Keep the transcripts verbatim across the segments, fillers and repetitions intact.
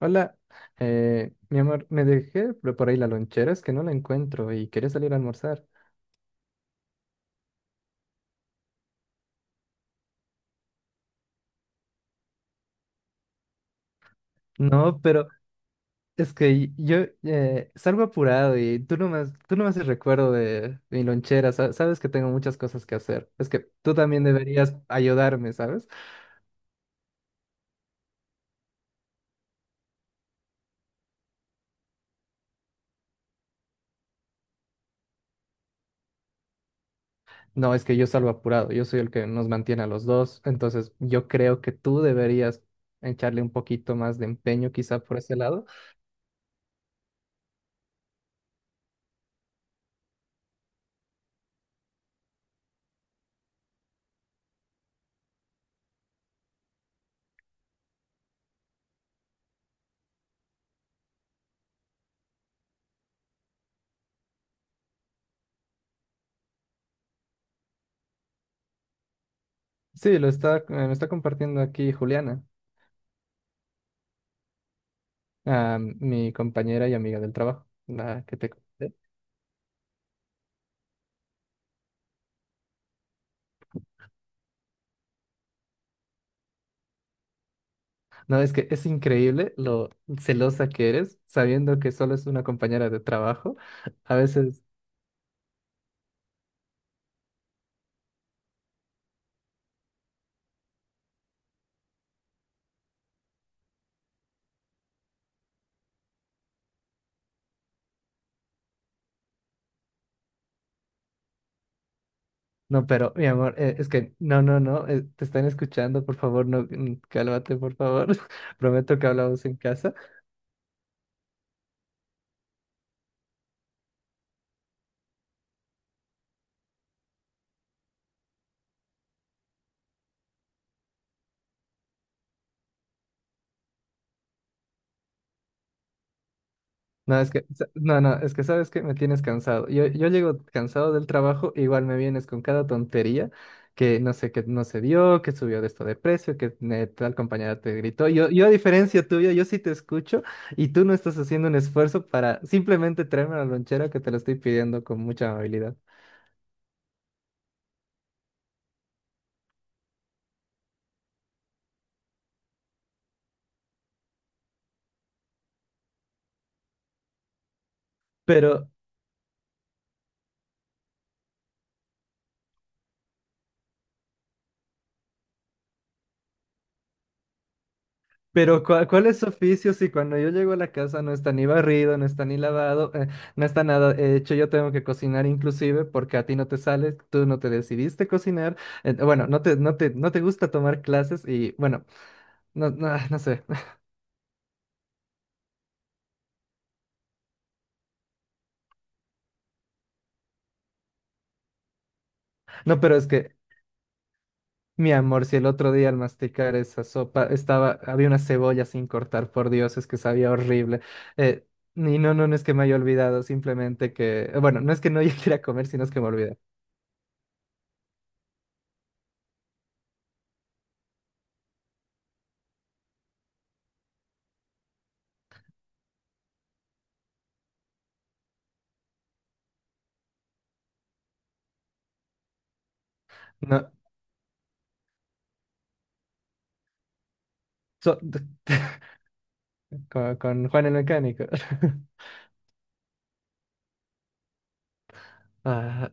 Hola, eh, mi amor, me dejé por por ahí la lonchera, es que no la encuentro y quería salir a almorzar. No, pero es que yo eh, salgo apurado y tú no me, has- tú no me haces recuerdo de mi lonchera, sa- sabes que tengo muchas cosas que hacer. Es que tú también deberías ayudarme, ¿sabes? No, es que yo salgo apurado, yo soy el que nos mantiene a los dos, entonces yo creo que tú deberías echarle un poquito más de empeño quizá por ese lado. Sí, lo está, me está compartiendo aquí Juliana. A mi compañera y amiga del trabajo, la que te conté. No, es que es increíble lo celosa que eres, sabiendo que solo es una compañera de trabajo. A veces, no, pero mi amor, eh, es que no, no, no, eh, te están escuchando, por favor, no, mm, cálmate, por favor. Prometo que hablamos en casa. No, es que, sa- no, no, es que sabes que me tienes cansado. Yo, yo llego cansado del trabajo, igual me vienes con cada tontería que no sé, que no se dio, que subió de esto de precio, que eh, tal compañera te gritó. Yo, yo a diferencia tuya, yo sí te escucho y tú no estás haciendo un esfuerzo para simplemente traerme la lonchera que te lo estoy pidiendo con mucha amabilidad. Pero Pero ¿cuál, cuál es su oficio si cuando yo llego a la casa no está ni barrido, no está ni lavado, eh, no está nada eh, hecho? Yo tengo que cocinar inclusive porque a ti no te sale, tú no te decidiste cocinar, eh, bueno, no te, no te, no te gusta tomar clases y bueno, no, no, ah, no sé. No, pero es que, mi amor, si el otro día al masticar esa sopa estaba, había una cebolla sin cortar, por Dios, es que sabía horrible. Eh, y no, no, no es que me haya olvidado, simplemente que, bueno, no es que no yo quiera comer, sino es que me olvidé. No, so- con, con Juan el mecánico. Ah,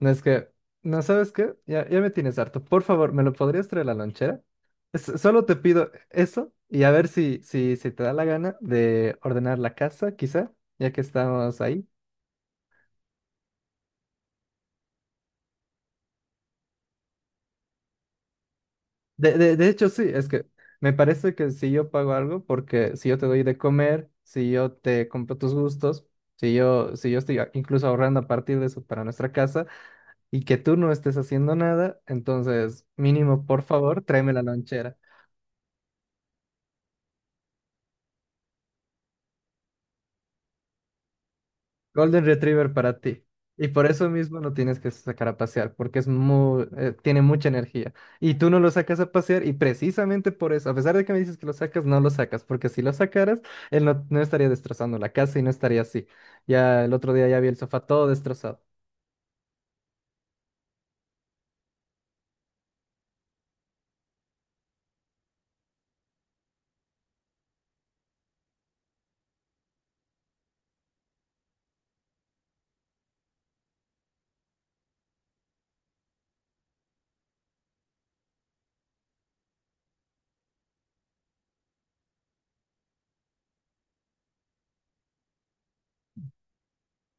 no es que, no sabes qué, ya, ya me tienes harto. Por favor, ¿me lo podrías traer a la lonchera? Es- solo te pido eso y a ver si, si, si te da la gana de ordenar la casa, quizá, ya que estamos ahí. De, de, de hecho, sí, es que me parece que si yo pago algo, porque si yo te doy de comer, si yo te compro tus gustos, si yo, si yo estoy a- incluso ahorrando a partir de eso para nuestra casa. Y que tú no estés haciendo nada, entonces mínimo, por favor, tráeme la lonchera. Golden Retriever para ti. Y por eso mismo no tienes que sacar a pasear, porque es muy, eh, tiene mucha energía. Y tú no lo sacas a pasear y precisamente por eso, a pesar de que me dices que lo sacas, no lo sacas, porque si lo sacaras, él no, no estaría destrozando la casa y no estaría así. Ya el otro día ya vi el sofá todo destrozado.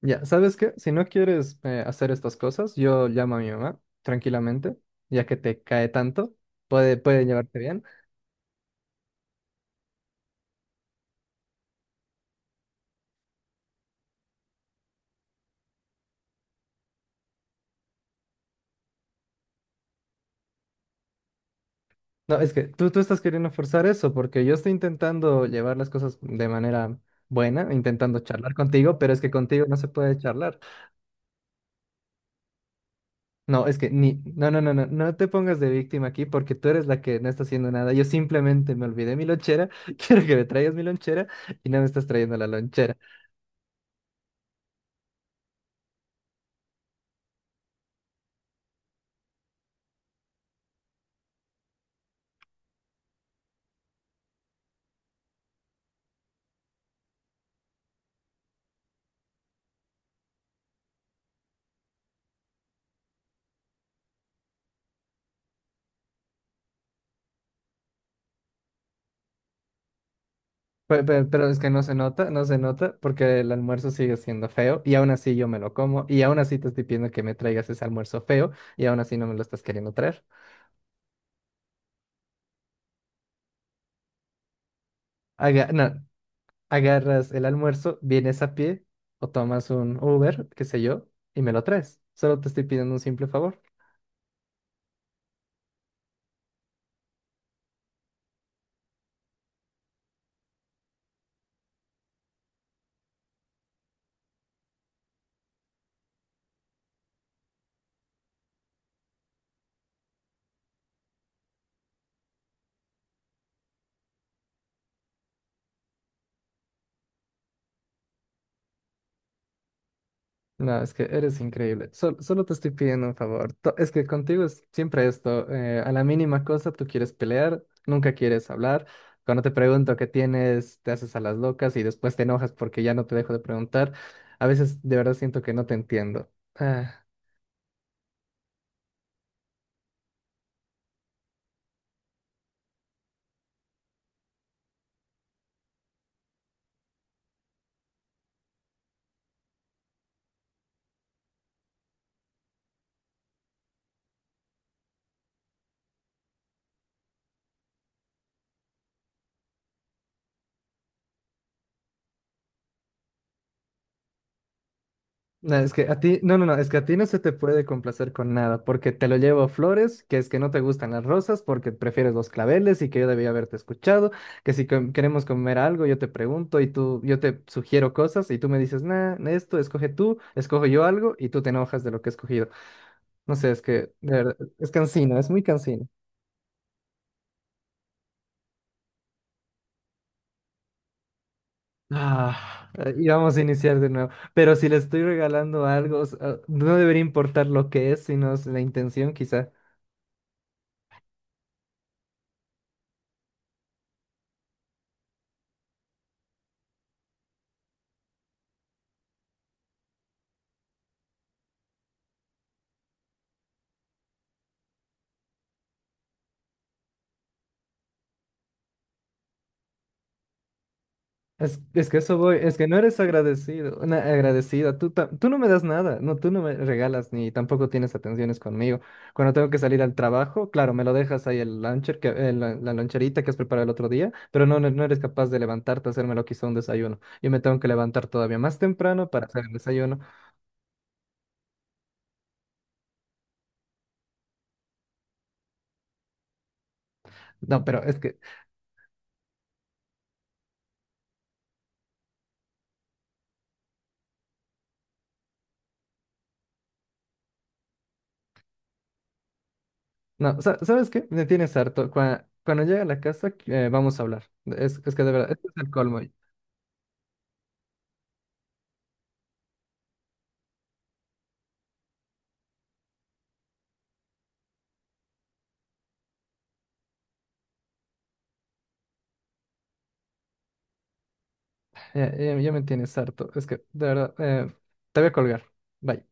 Ya, ¿sabes qué? Si no quieres eh, hacer estas cosas, yo llamo a mi mamá tranquilamente, ya que te cae tanto, puede, puede llevarte bien. No, es que tú, tú estás queriendo forzar eso, porque yo estoy intentando llevar las cosas de manera buena, intentando charlar contigo, pero es que contigo no se puede charlar. No, es que ni, no, no, no, no, no te pongas de víctima aquí porque tú eres la que no está haciendo nada. Yo simplemente me olvidé mi lonchera, quiero que me traigas mi lonchera y no me estás trayendo la lonchera. Pe- pe- Pero, es que no se nota, no se nota porque el almuerzo sigue siendo feo y aún así yo me lo como y aún así te estoy pidiendo que me traigas ese almuerzo feo y aún así no me lo estás queriendo traer. Haga- no, agarras el almuerzo, vienes a pie o tomas un Uber, qué sé yo, y me lo traes. Solo te estoy pidiendo un simple favor. No, es que eres increíble. Sol- solo te estoy pidiendo un favor. To- es que contigo es siempre esto. Eh, a la mínima cosa tú quieres pelear, nunca quieres hablar. Cuando te pregunto qué tienes, te haces a las locas y después te enojas porque ya no te dejo de preguntar. A veces de verdad siento que no te entiendo. Ah, No, es que a ti, no, no, no, es que a ti no se te puede complacer con nada, porque te lo llevo flores, que es que no te gustan las rosas, porque prefieres los claveles y que yo debía haberte escuchado, que si com- queremos comer algo, yo te pregunto y tú, yo te sugiero cosas y tú me dices, nah, esto, escoge tú, escojo yo algo y tú te enojas de lo que he escogido. No sé, es que, de verdad, es cansino, es muy cansino. Ah, Eh, Y vamos a iniciar de nuevo. Pero si le estoy regalando algo, o sea, no debería importar lo que es, sino es la intención, quizá. Es, es que eso voy, es que no eres agradecido, una agradecida, tú, ta- tú no me das nada, no, tú no me regalas ni tampoco tienes atenciones conmigo. Cuando tengo que salir al trabajo, claro, me lo dejas ahí el luncher, que, eh, la, la loncherita que has preparado el otro día, pero no, no, no eres capaz de levantarte a hacerme lo que hizo un desayuno. Yo me tengo que levantar todavía más temprano para hacer el desayuno. No, pero es que, no, sa- ¿sabes qué? Me tienes harto. Cua- Cuando llegue a la casa, eh, vamos a hablar. Es, es que de verdad, esto es el colmo. Ya, ya, ya me tienes harto. Es que, de verdad, eh, te voy a colgar. Bye.